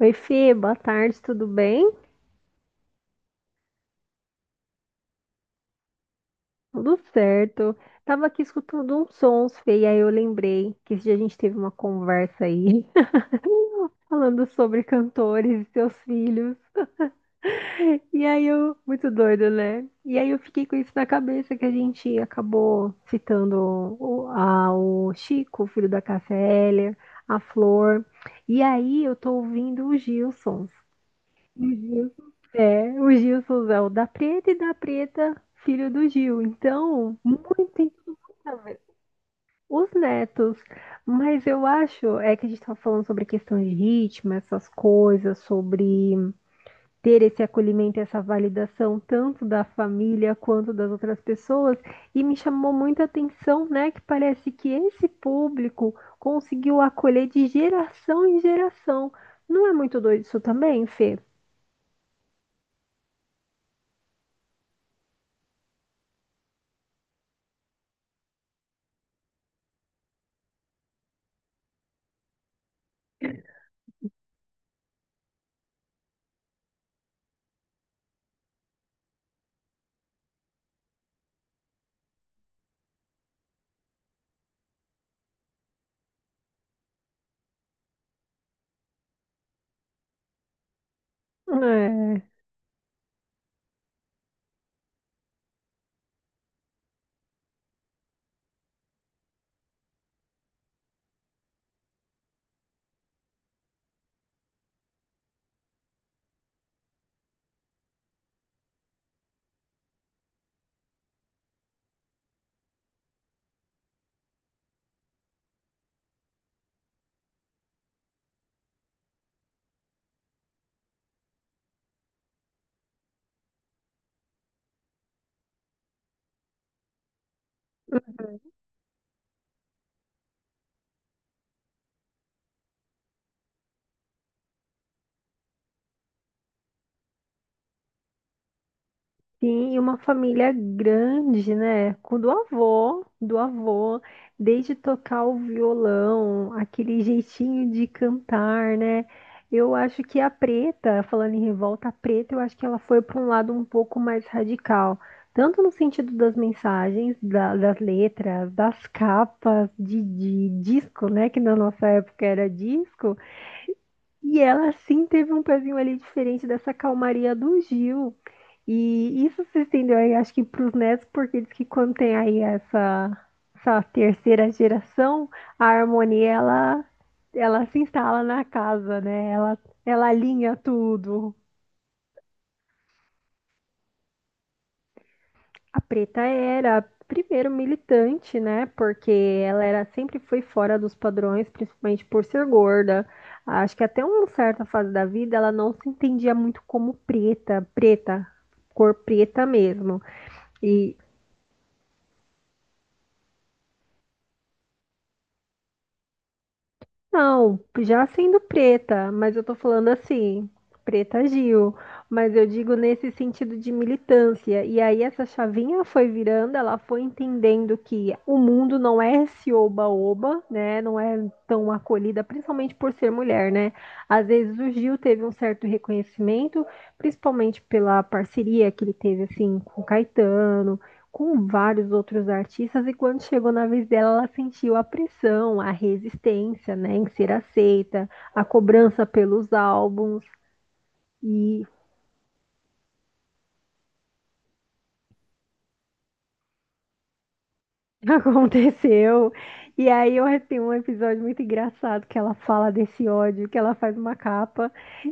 Oi, Fê, boa tarde, tudo bem? Tudo certo. Tava aqui escutando uns sons, Fê, e aí eu lembrei que esse dia a gente teve uma conversa aí, falando sobre cantores e seus filhos. E aí eu, muito doido, né? E aí eu fiquei com isso na cabeça que a gente acabou citando o Chico, o filho da Cássia Eller, a Flor. E aí eu tô ouvindo o Gilson. O Gil, o Gilson é o da Preta, filho do Gil. Então, muito interessante. Os netos. Mas eu acho, é que a gente estava falando sobre questão de ritmo, essas coisas, sobre ter esse acolhimento, essa validação, tanto da família quanto das outras pessoas, e me chamou muita atenção, né, que parece que esse público conseguiu acolher de geração em geração. Não é muito doido isso também, Fê? É, sim, e uma família grande, né? Com do avô, desde tocar o violão, aquele jeitinho de cantar, né? Eu acho que a Preta, falando em revolta, a Preta, eu acho que ela foi para um lado um pouco mais radical, tanto no sentido das mensagens, das letras, das capas de disco, né? Que na nossa época era disco. E ela sim teve um pezinho ali diferente dessa calmaria do Gil. E isso se estendeu aí, acho que para os netos, porque diz que quando tem aí essa terceira geração, a harmonia ela se instala na casa, né? Ela alinha tudo. A Preta era primeiro militante, né? Porque ela era sempre foi fora dos padrões, principalmente por ser gorda. Acho que até uma certa fase da vida ela não se entendia muito como preta, preta, cor preta mesmo. E Não, já sendo preta, mas eu tô falando assim, Preta Gil, mas eu digo nesse sentido de militância. E aí essa chavinha foi virando, ela foi entendendo que o mundo não é esse oba-oba, né? Não é tão acolhida, principalmente por ser mulher, né? Às vezes o Gil teve um certo reconhecimento, principalmente pela parceria que ele teve assim com o Caetano com vários outros artistas, e quando chegou na vez dela, ela sentiu a pressão, a resistência, né, em ser aceita, a cobrança pelos álbuns e aconteceu. E aí eu tem um episódio muito engraçado que ela fala desse ódio, que ela faz uma capa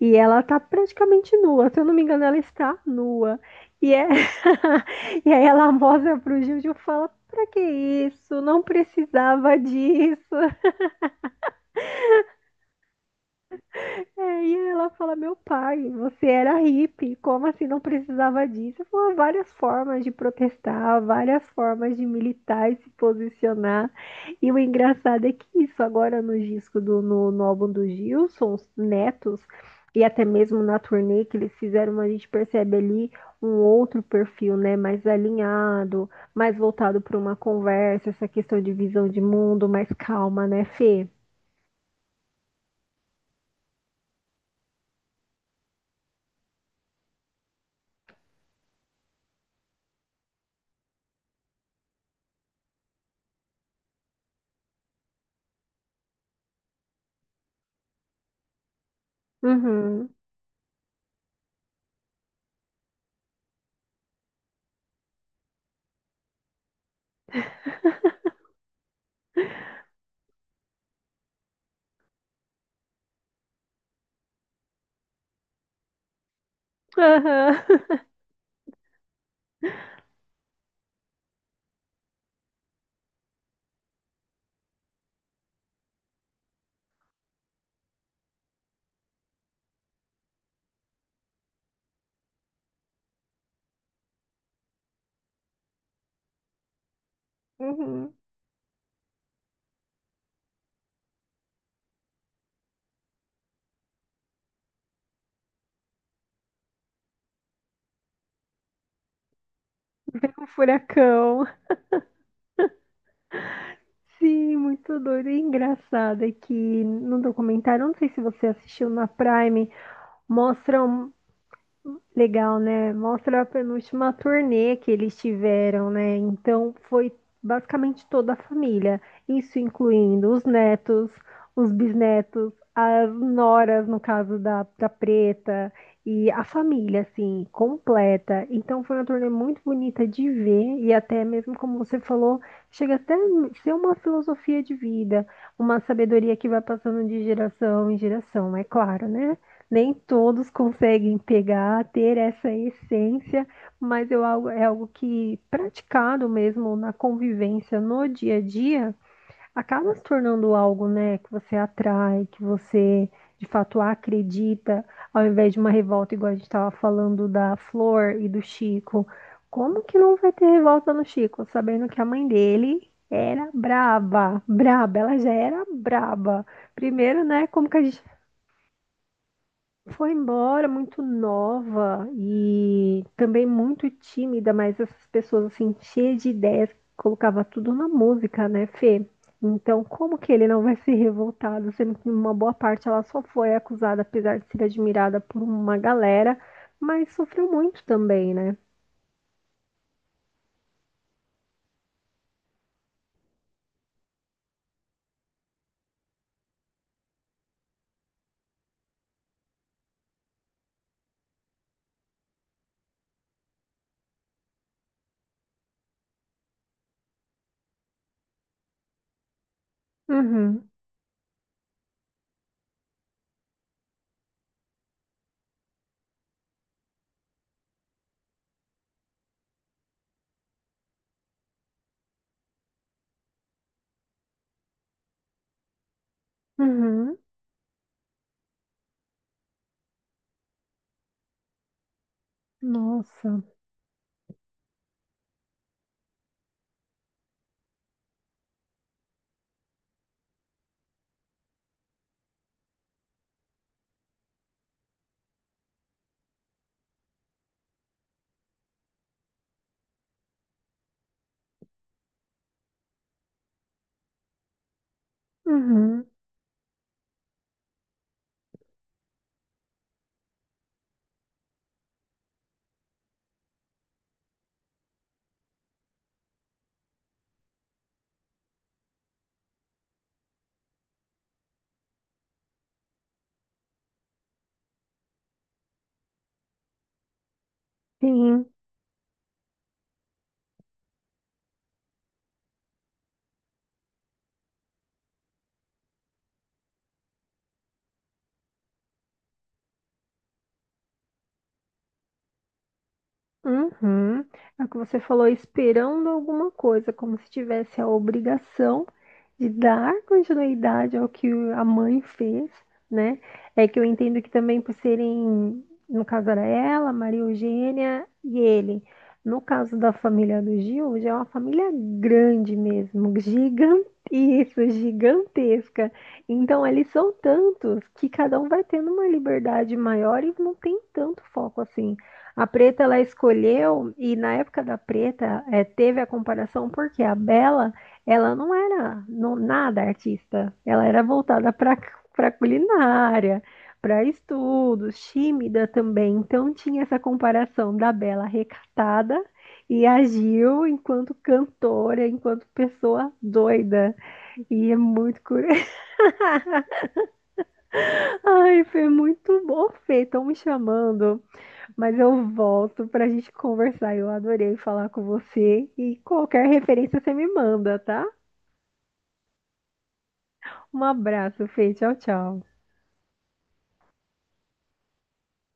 e ela tá praticamente nua, se eu não me engano, ela está nua. E, é... e aí ela mostra pro Gil e fala, pra que isso? Não precisava disso. É, e ela fala, meu pai, você era hippie, como assim não precisava disso? Eu falo, "Ah, várias formas de protestar, várias formas de militar e se posicionar." E o engraçado é que isso agora no disco do no, no álbum do Gilson, os Netos, e até mesmo na turnê que eles fizeram, a gente percebe ali um outro perfil, né? Mais alinhado, mais voltado para uma conversa, essa questão de visão de mundo, mais calma, né, Fê? Uhum. Aham. Uhum. Um furacão. Sim, muito doido, e é engraçado é que no documentário, não sei se você assistiu na Prime, mostram. Legal, né? Mostra a penúltima turnê que eles tiveram, né? Então foi basicamente toda a família, isso incluindo os netos, os bisnetos, as noras, no caso da, da Preta, e a família, assim, completa. Então foi uma turnê muito bonita de ver, e até mesmo como você falou, chega até a ser uma filosofia de vida, uma sabedoria que vai passando de geração em geração, é claro, né? Nem todos conseguem pegar, ter essa essência, mas eu, algo- é algo que, praticado mesmo na convivência, no dia a dia, acaba se tornando algo, né, que você atrai, que você de fato acredita, ao invés de uma revolta, igual a gente estava falando da Flor e do Chico. Como que não vai ter revolta no Chico, sabendo que a mãe dele era braba, braba, ela já era braba. Primeiro, né, como que a gente foi embora muito nova e também muito tímida, mas essas pessoas assim, cheias de ideias, colocava tudo na música, né, Fê? Então, como que ele não vai ser revoltado, sendo que uma boa parte ela só foi acusada, apesar de ser admirada por uma galera, mas sofreu muito também, né? Uhum, uhum, nossa, uhum, sim. Uhum. É o que você falou, esperando alguma coisa, como se tivesse a obrigação de dar continuidade ao que a mãe fez, né? É que eu entendo que também por serem, no caso era ela, Maria Eugênia e ele. No caso da família do Gil, já é uma família grande mesmo, gigante, isso, gigantesca. Então, eles são tantos que cada um vai tendo uma liberdade maior e não tem tanto foco assim. A Preta ela escolheu, e na época da Preta teve a comparação, porque a Bela ela não era nada artista, ela era voltada para para culinária, para estudos, tímida também. Então tinha essa comparação da Bela recatada e a Gil enquanto cantora, enquanto pessoa doida. E é muito curioso. Ai, foi muito bom, Fê, estão me chamando. Mas eu volto pra gente conversar. Eu adorei falar com você. E qualquer referência você me manda, tá? Um abraço, Fê. Tchau, tchau.